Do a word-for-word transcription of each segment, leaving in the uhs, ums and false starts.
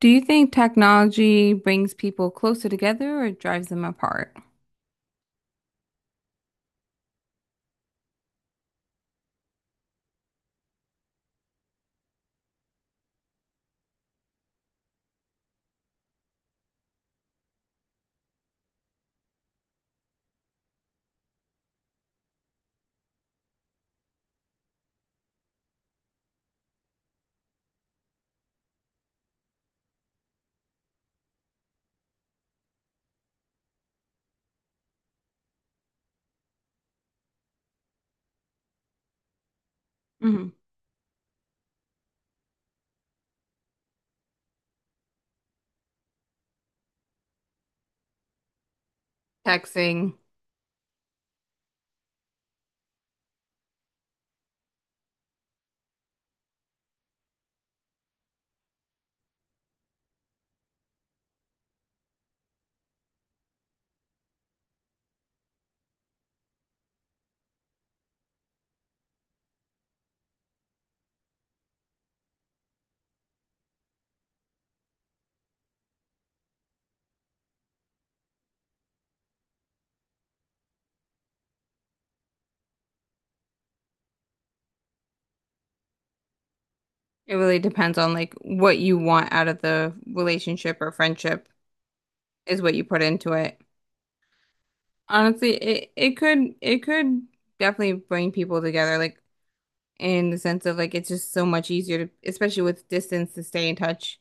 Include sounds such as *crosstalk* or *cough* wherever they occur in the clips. Do you think technology brings people closer together or drives them apart? Hmm. Texting. It really depends on like what you want out of the relationship or friendship is what you put into it. Honestly, it it could it could definitely bring people together, like in the sense of like it's just so much easier to, especially with distance, to stay in touch.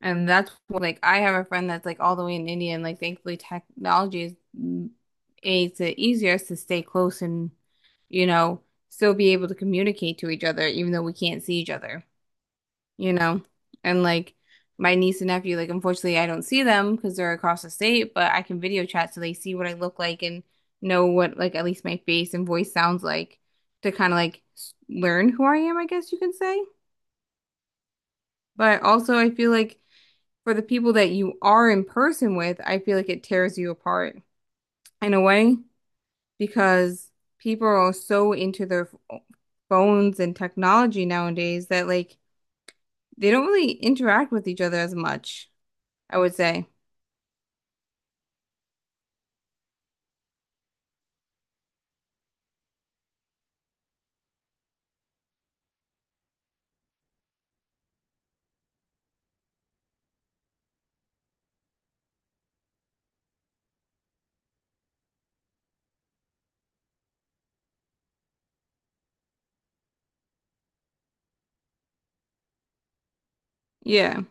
And that's what, like I have a friend that's like all the way in India, and like thankfully technology is makes it easier to stay close and you know, still be able to communicate to each other, even though we can't see each other, you know? And like my niece and nephew, like unfortunately I don't see them because they're across the state, but I can video chat so they see what I look like and know what like at least my face and voice sounds like, to kind of like s- learn who I am, I guess you can say. But also I feel like for the people that you are in person with, I feel like it tears you apart in a way because people are so into their ph- phones and technology nowadays that like they don't really interact with each other as much, I would say. Yeah.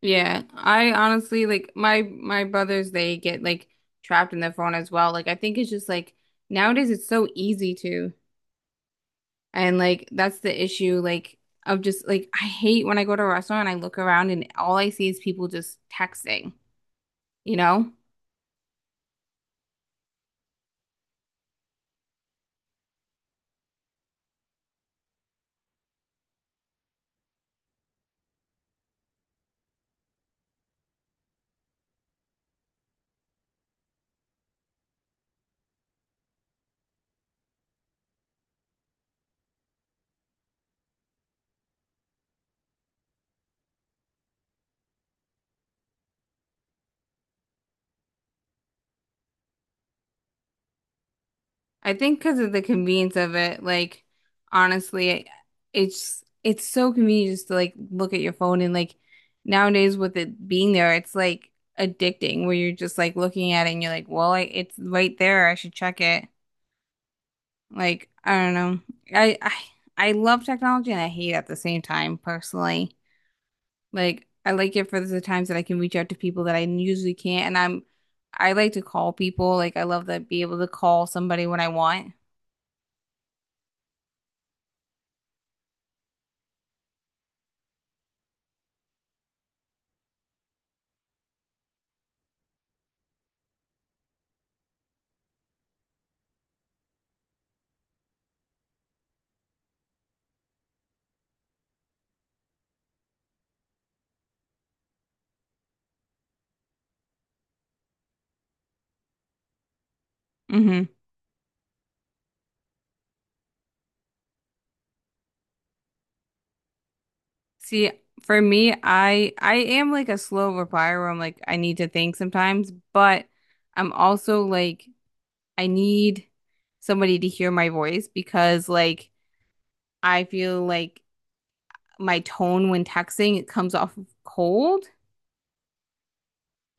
Yeah. I honestly like my my brothers, they get like trapped in their phone as well. Like I think it's just like nowadays it's so easy to, and like that's the issue, like of just like I hate when I go to a restaurant and I look around and all I see is people just texting, you know? I think because of the convenience of it, like honestly, it's it's so convenient just to like look at your phone, and like nowadays with it being there, it's like addicting where you're just like looking at it and you're like, well, I, it's right there. I should check it. Like, I don't know. I, I I love technology and I hate it at the same time personally. Like I like it for the times that I can reach out to people that I usually can't, and I'm I like to call people. Like I love that be able to call somebody when I want. Hmm. See, for me, I I am like a slow replier where I'm like I need to think sometimes, but I'm also like I need somebody to hear my voice because like I feel like my tone when texting it comes off cold,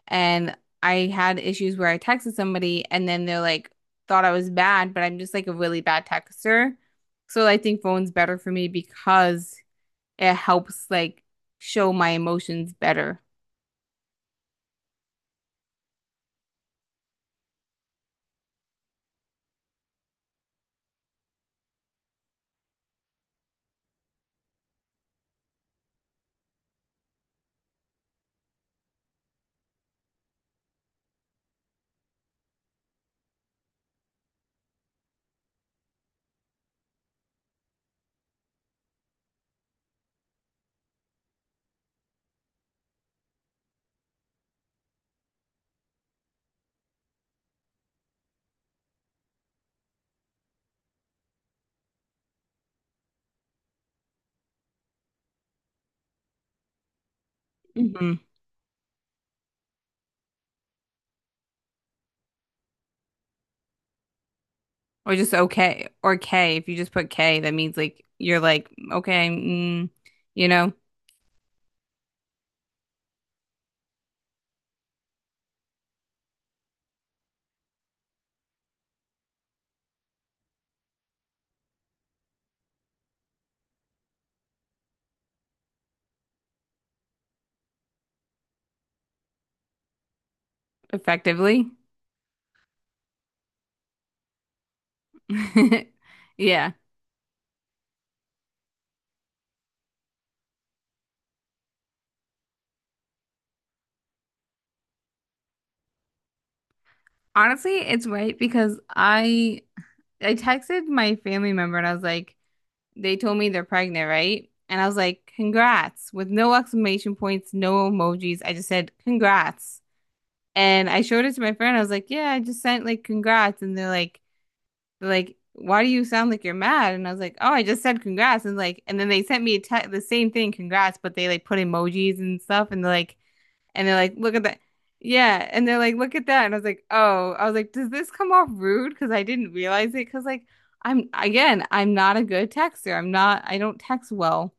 and I had issues where I texted somebody and then they're like thought I was bad, but I'm just like a really bad texter. So I think phone's better for me because it helps like show my emotions better. Mhm. Or just okay or K. If you just put K, that means like you're like okay, mm, you know, effectively. *laughs* Yeah. Honestly, it's right because I I texted my family member and I was like, they told me they're pregnant, right? And I was like, congrats, with no exclamation points, no emojis. I just said, congrats. And I showed it to my friend. I was like, yeah, I just sent like congrats. And they're like, they're like, why do you sound like you're mad? And I was like, oh, I just said congrats. And like, and then they sent me a te the same thing, congrats, but they like put emojis and stuff. And they're like, and they're like, look at that. Yeah. And they're like, look at that. And I was like, oh, I was like, does this come off rude? Because I didn't realize it. Because, like, I'm, again, I'm not a good texter. I'm not, I don't text well.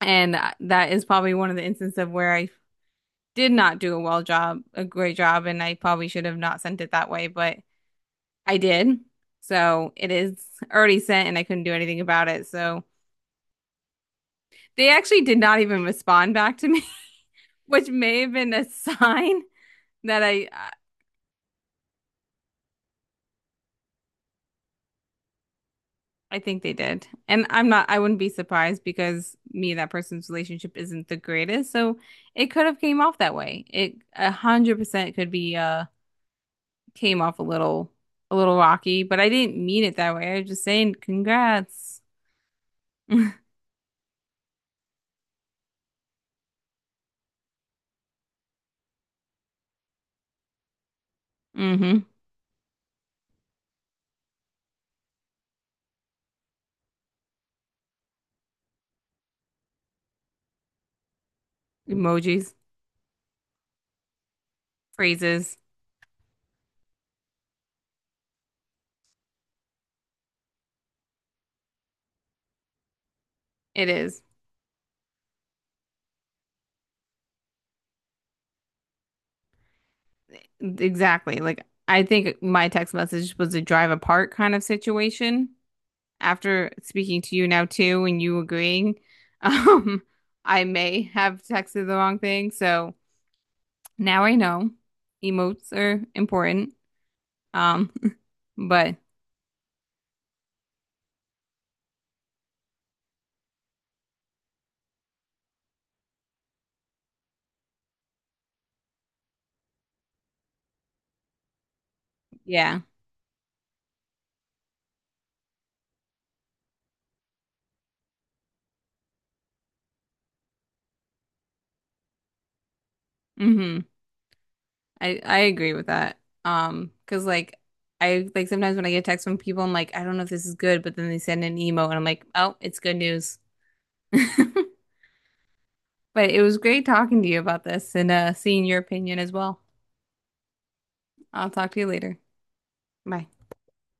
And uh, that is probably one of the instances of where I did not do a well job, a great job. And I probably should have not sent it that way, but I did. So it is already sent and I couldn't do anything about it. So they actually did not even respond back to me, *laughs* which may have been a sign that I uh, I think they did. And I'm not, I wouldn't be surprised because me and that person's relationship isn't the greatest. So it could have came off that way. It a hundred percent could be uh came off a little a little rocky, but I didn't mean it that way. I was just saying congrats. *laughs* Mm-hmm. Emojis, phrases. It is. Exactly. Like I think my text message was a drive apart kind of situation after speaking to you now too, and you agreeing, *laughs* um, I may have texted the wrong thing. So now I know emotes are important. Um, *laughs* but yeah. Hmm. I I agree with that. Um, because like I like sometimes when I get texts from people, I'm like, I don't know if this is good, but then they send an emote, and I'm like, oh, it's good news. *laughs* But it was great talking to you about this and uh, seeing your opinion as well. I'll talk to you later. Bye.